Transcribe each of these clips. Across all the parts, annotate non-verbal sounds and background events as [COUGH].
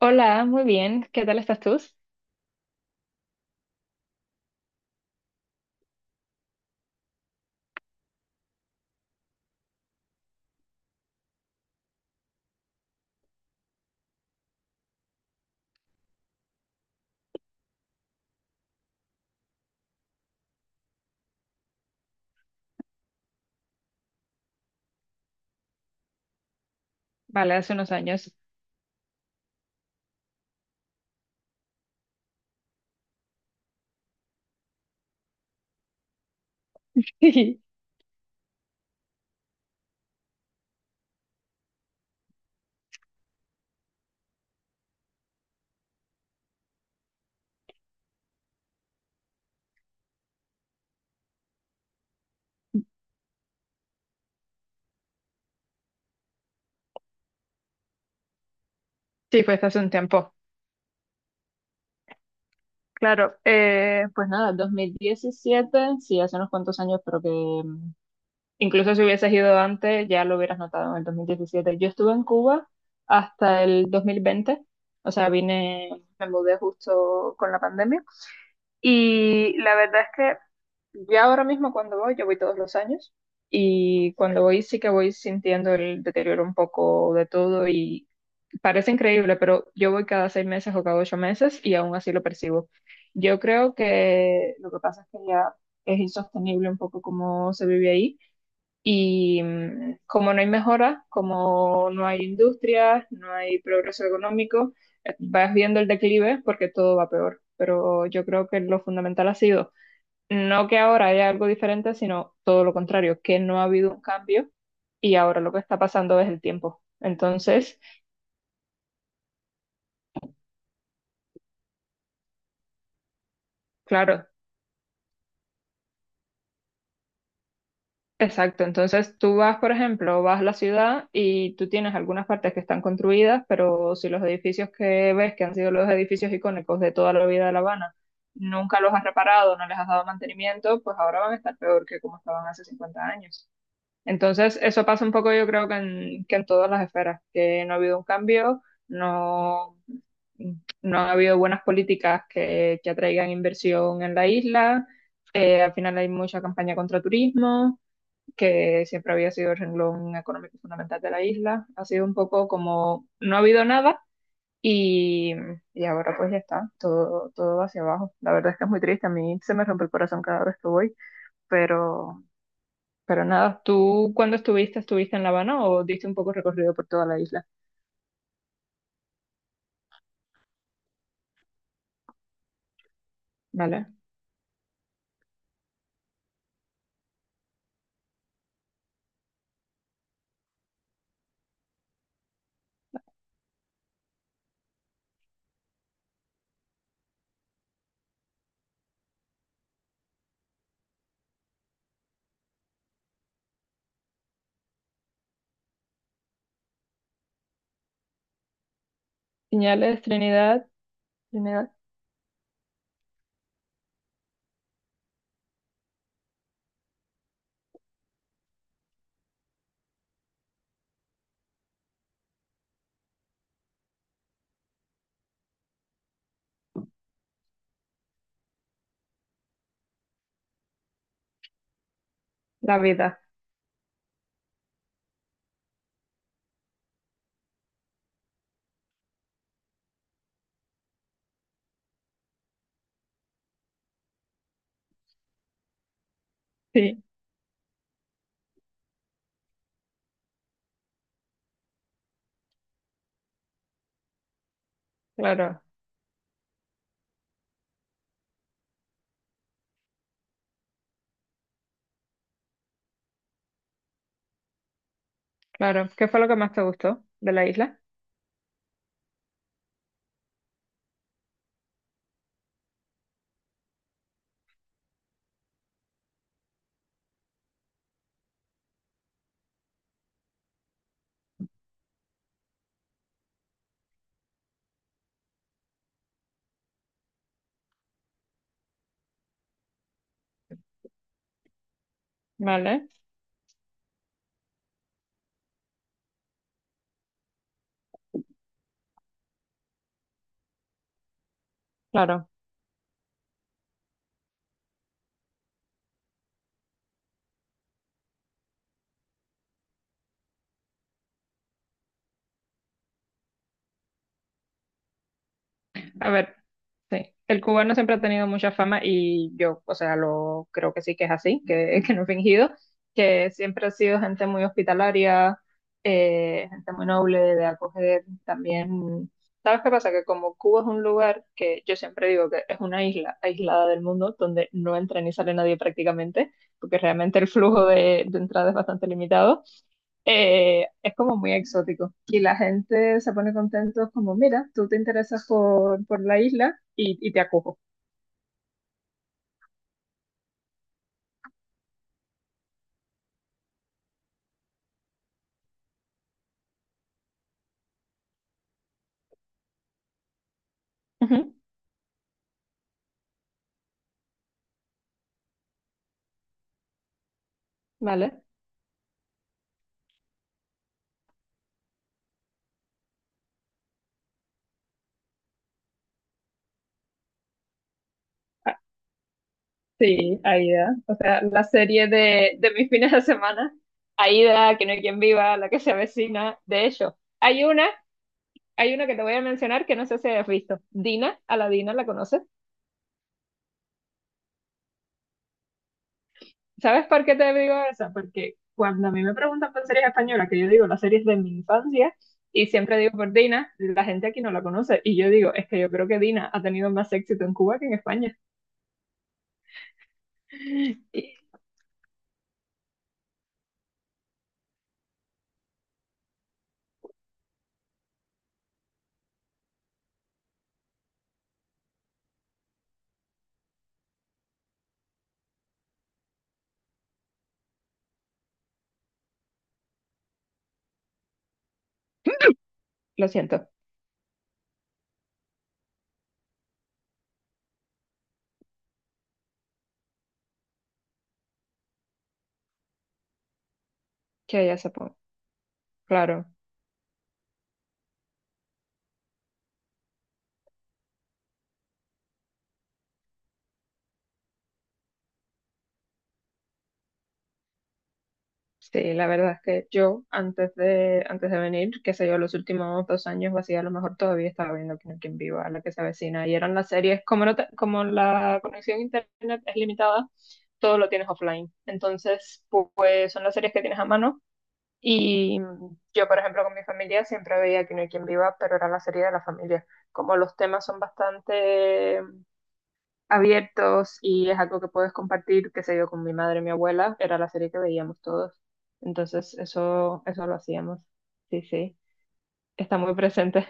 Hola, muy bien. ¿Qué tal estás tú? Vale, hace unos años. [LAUGHS] Sí, pues hace un tiempo. Claro, pues nada, 2017, sí, hace unos cuantos años, pero que incluso si hubieses ido antes ya lo hubieras notado en el 2017. Yo estuve en Cuba hasta el 2020, o sea, vine, me mudé justo con la pandemia y la verdad es que ya ahora mismo cuando voy, yo voy todos los años y cuando voy sí que voy sintiendo el deterioro un poco de todo y, parece increíble, pero yo voy cada 6 meses o cada 8 meses y aún así lo percibo. Yo creo que lo que pasa es que ya es insostenible un poco cómo se vive ahí y como no hay mejora, como no hay industrias, no hay progreso económico, vas viendo el declive porque todo va peor. Pero yo creo que lo fundamental ha sido no que ahora haya algo diferente, sino todo lo contrario, que no ha habido un cambio y ahora lo que está pasando es el tiempo. Entonces, claro. Exacto, entonces tú vas, por ejemplo, vas a la ciudad y tú tienes algunas partes que están construidas, pero si los edificios que ves, que han sido los edificios icónicos de toda la vida de La Habana, nunca los has reparado, no les has dado mantenimiento, pues ahora van a estar peor que como estaban hace 50 años. Entonces, eso pasa un poco, yo creo que que en todas las esferas, que no ha habido un cambio, no, no ha habido buenas políticas que atraigan inversión en la isla, al final hay mucha campaña contra turismo que siempre había sido el renglón económico fundamental de la isla. Ha sido un poco como no ha habido nada y, y ahora pues ya está, todo, todo hacia abajo. La verdad es que es muy triste, a mí se me rompe el corazón cada vez que voy, pero, pero nada, ¿tú cuándo estuviste? ¿Estuviste en La Habana o diste un poco recorrido por toda la isla? Vale. Señales, Trinidad, Trinidad, la vida. Sí, claro, claro. ¿Qué fue lo que más te gustó de la isla? Vale, claro. A ver. Sí, el cubano siempre ha tenido mucha fama y yo, o sea, lo creo que sí que es así, que, [LAUGHS] que no he fingido, que siempre ha sido gente muy hospitalaria, gente muy noble de acoger también. ¿Sabes qué pasa? Que como Cuba es un lugar que yo siempre digo que es una isla aislada del mundo, donde no entra ni sale nadie prácticamente, porque realmente el flujo de entrada es bastante limitado, es como muy exótico y la gente se pone contento como, mira, tú te interesas por la isla y te acojo. Ujú. Vale. Ah, sí, Aida. O sea, la serie de mis fines de semana. Aida, que no hay quien viva, la que se avecina. De hecho, hay una, que te voy a mencionar que no sé si has visto. Dina, a la Dina, ¿la conoces? ¿Sabes por qué te digo eso? Porque cuando a mí me preguntan por series españolas, que yo digo las series de mi infancia, y siempre digo por Dina, la gente aquí no la conoce. Y yo digo, es que yo creo que Dina ha tenido más éxito en Cuba que en España. [LAUGHS] Y- lo siento, que ella se ponga. Claro. Sí, la verdad es que yo antes de venir, qué sé yo, los últimos 2 años o así, a lo mejor todavía estaba viendo Quién es quien viva, la que se avecina, y eran las series, como, no te- como la conexión a internet es limitada, todo lo tienes offline. Entonces, pues son las series que tienes a mano, y yo, por ejemplo, con mi familia siempre veía Quién es quien viva, pero era la serie de la familia. Como los temas son bastante abiertos y es algo que puedes compartir, qué sé yo, con mi madre y mi abuela, era la serie que veíamos todos. Entonces, eso lo hacíamos. Sí, sí, está muy presente.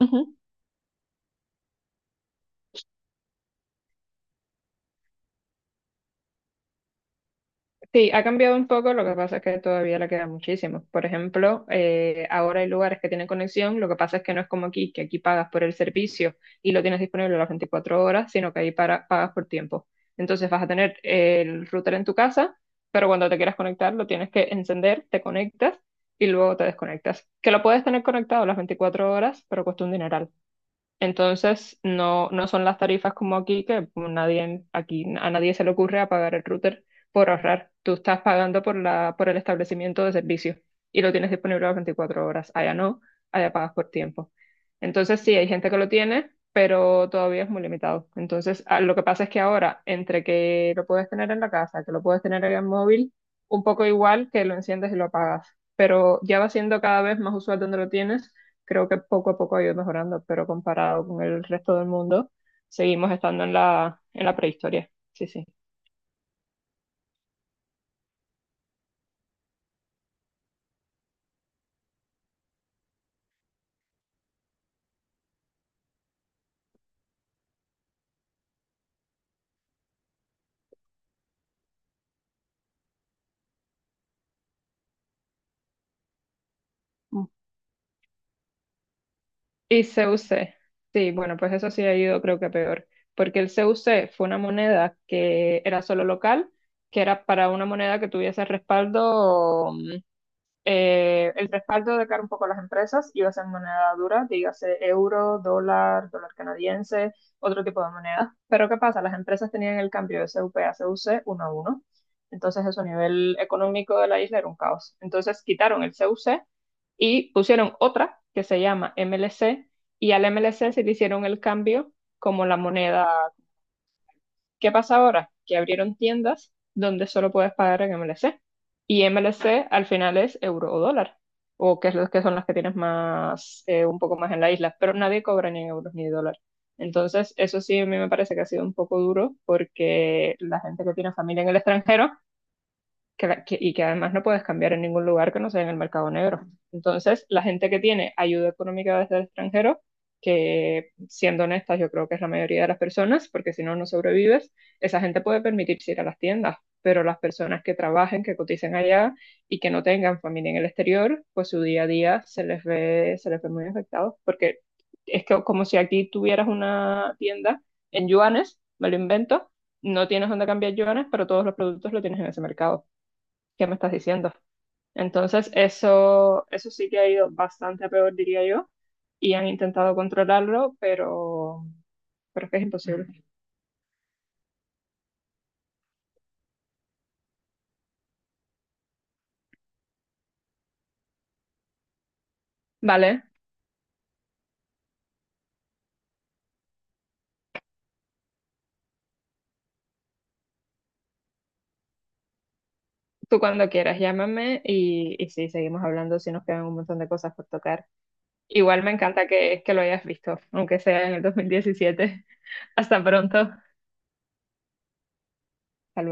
[LAUGHS] Sí, ha cambiado un poco, lo que pasa es que todavía le queda muchísimo. Por ejemplo, ahora hay lugares que tienen conexión, lo que pasa es que no es como aquí, que aquí pagas por el servicio y lo tienes disponible las 24 horas, sino que ahí pagas por tiempo. Entonces vas a tener el router en tu casa, pero cuando te quieras conectar lo tienes que encender, te conectas y luego te desconectas. Que lo puedes tener conectado las 24 horas, pero cuesta un dineral. Entonces, no, no son las tarifas como aquí, que pues, nadie, aquí a nadie se le ocurre apagar el router por ahorrar. Tú estás pagando por el establecimiento de servicio y lo tienes disponible las 24 horas. Allá no, allá pagas por tiempo. Entonces, sí, hay gente que lo tiene, pero todavía es muy limitado. Entonces, lo que pasa es que ahora, entre que lo puedes tener en la casa, que lo puedes tener en el móvil, un poco igual que lo enciendes y lo apagas, pero ya va siendo cada vez más usual donde lo tienes, creo que poco a poco ha ido mejorando, pero comparado con el resto del mundo, seguimos estando en la, prehistoria. Sí, sí. Mm. Y CUC, sí, bueno, pues eso sí ha ido creo que a peor, porque el CUC fue una moneda que era solo local, que era para una moneda que tuviese el respaldo de cara un poco a las empresas, iba a ser moneda dura, dígase euro, dólar, dólar canadiense, otro tipo de moneda. Pero ¿qué pasa? Las empresas tenían el cambio de CUP a CUC uno a uno. Entonces eso a nivel económico de la isla era un caos. Entonces quitaron el CUC y pusieron otra que se llama MLC y al MLC se le hicieron el cambio como la moneda. ¿Qué pasa ahora? Que abrieron tiendas donde solo puedes pagar en MLC. Y MLC al final es euro o dólar, o que es lo que son las que tienes más, un poco más en la isla, pero nadie cobra ni en euros ni dólar. Entonces, eso sí a mí me parece que ha sido un poco duro porque la gente que tiene familia en el extranjero, y que además no puedes cambiar en ningún lugar que no sea en el mercado negro. Entonces, la gente que tiene ayuda económica desde el extranjero, que siendo honestas, yo creo que es la mayoría de las personas, porque si no, no sobrevives, esa gente puede permitirse ir a las tiendas, pero las personas que trabajen, que coticen allá y que no tengan familia en el exterior, pues su día a día se les ve muy afectado, porque es que como si aquí tuvieras una tienda en yuanes, me lo invento, no tienes dónde cambiar yuanes, pero todos los productos lo tienes en ese mercado. ¿Qué me estás diciendo? Entonces, eso sí que ha ido bastante a peor, diría yo, y han intentado controlarlo, pero, es que es imposible. Vale, tú cuando quieras, llámame y sí, seguimos hablando si nos quedan un montón de cosas por tocar. Igual me encanta que lo hayas visto, aunque sea en el 2017. [LAUGHS] Hasta pronto. Hasta